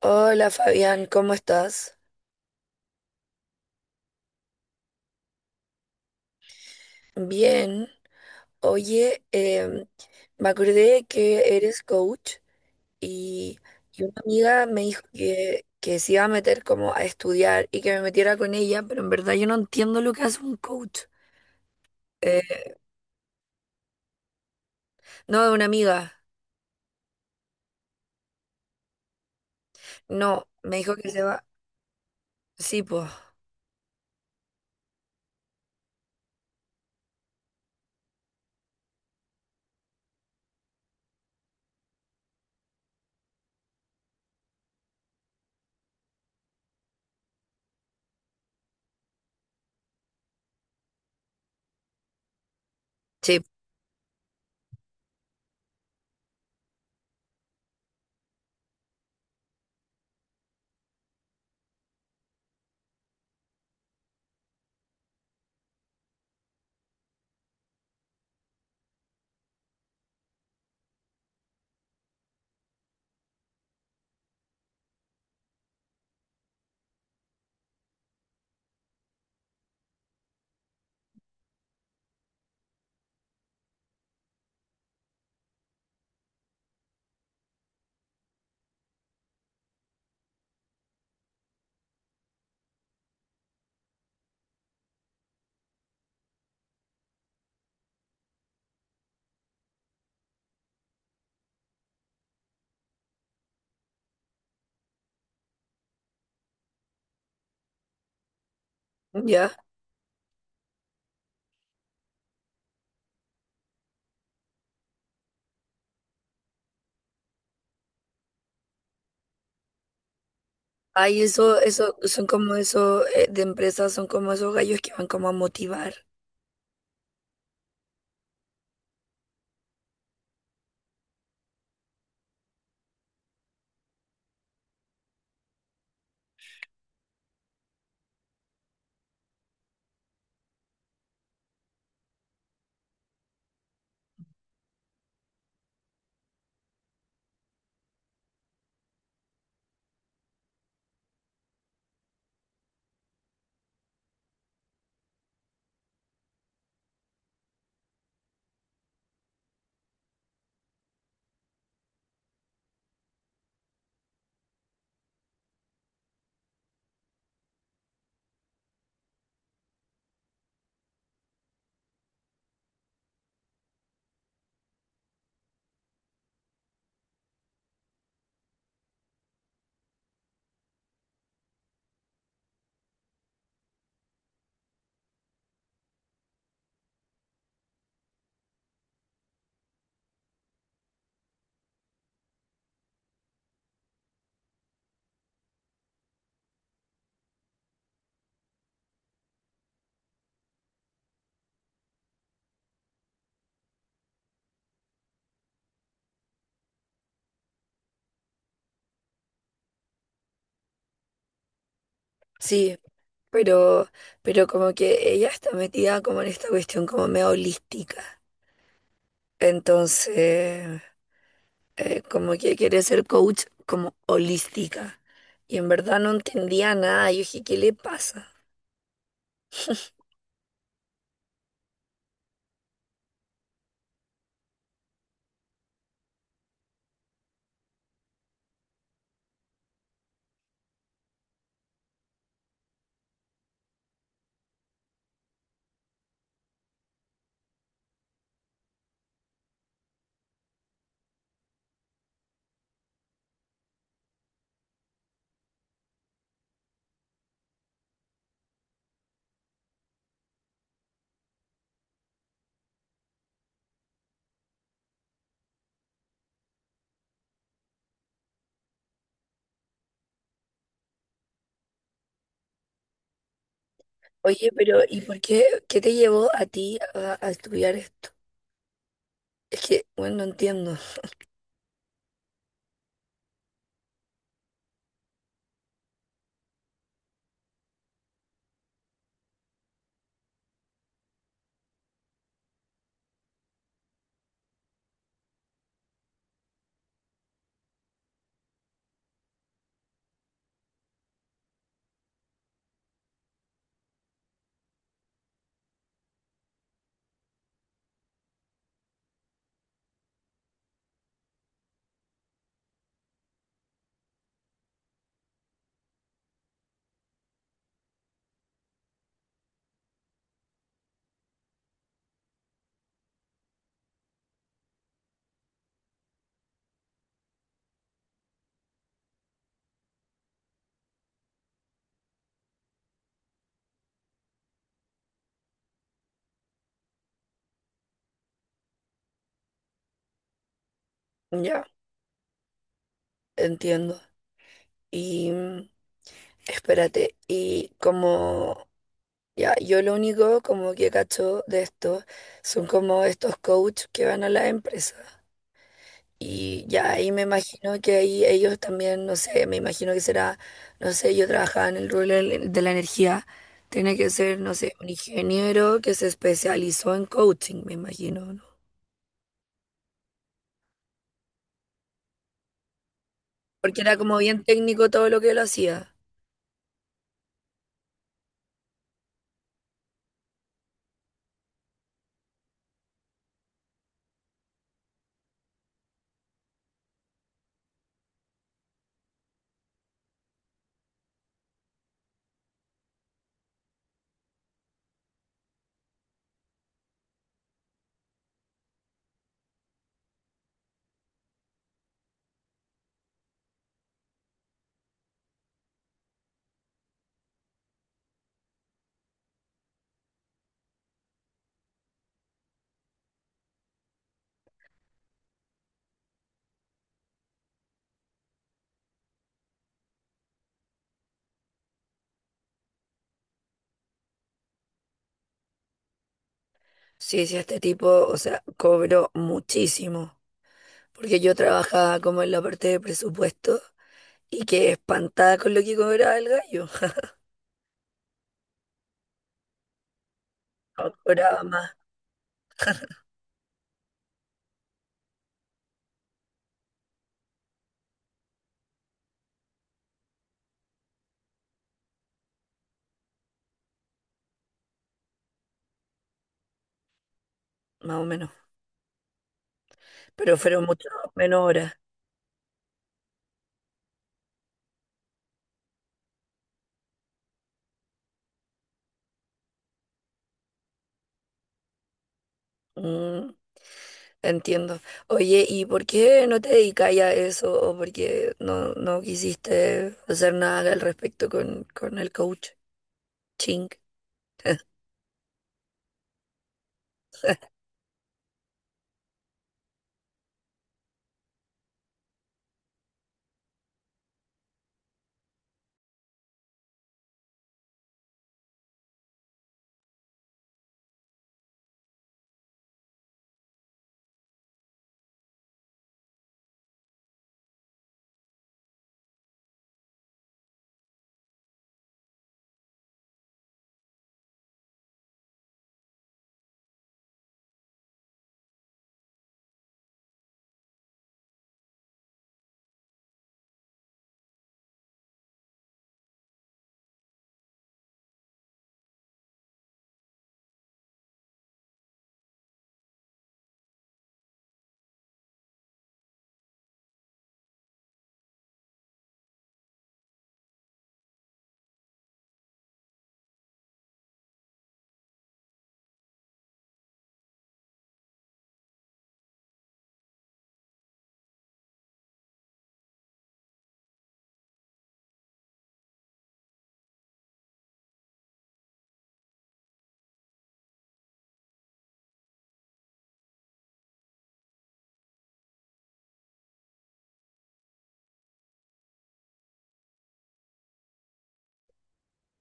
Hola Fabián, ¿cómo estás? Bien. Oye, me acordé que eres coach y, y una amiga me dijo que se iba a meter como a estudiar y que me metiera con ella, pero en verdad yo no entiendo lo que hace un coach. Eh, no, una amiga. No, me dijo que se va. Sí, pues. Sí, ya. Ay, eso, son como esos de empresas, son como esos gallos que van como a motivar. Sí. Pero, pero como que ella está metida como en esta cuestión como medio holística. Entonces, como que quiere ser coach como holística. Y en verdad no entendía nada. Yo dije, ¿qué le pasa? Oye, ¿pero y por qué, qué te llevó a ti a estudiar esto? Es que, bueno, no entiendo. Ya, entiendo. Y mm, espérate, y como ya, yo lo único como que cacho de esto son como estos coaches que van a la empresa. Y ya ahí me imagino que ahí ellos también, no sé, me imagino que será, no sé, yo trabajaba en el rubro del- de la energía, tiene que ser, no sé, un ingeniero que se especializó en coaching, me imagino, ¿no? Porque era como bien técnico todo lo que él hacía. Sí, sí, este tipo, o sea, cobró muchísimo, porque yo trabajaba como en la parte de presupuesto. Y quedé espantada con lo que cobraba el gallo. No, cobraba más, más o menos. Pero fueron mucho menos horas. Mm, entiendo. Oye, ¿y por qué no te dedicas a eso? ¿O por qué no, no quisiste hacer nada al respecto con el coach? Ching.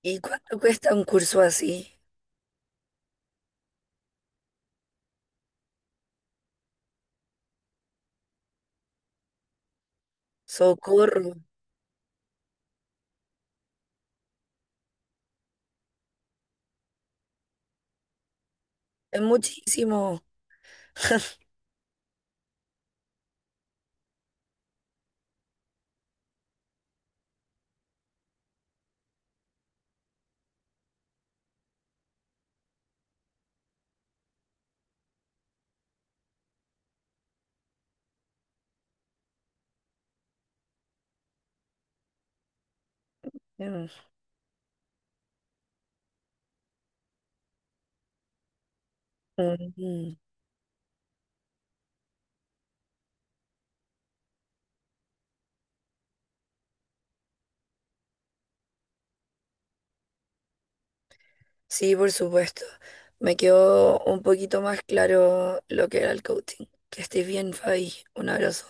¿Y cuánto cuesta un curso así? Socorro. Es muchísimo. Mm, mm, sí, por supuesto. Me quedó un poquito más claro lo que era el coaching. Que estés bien, Fabi. Un abrazo.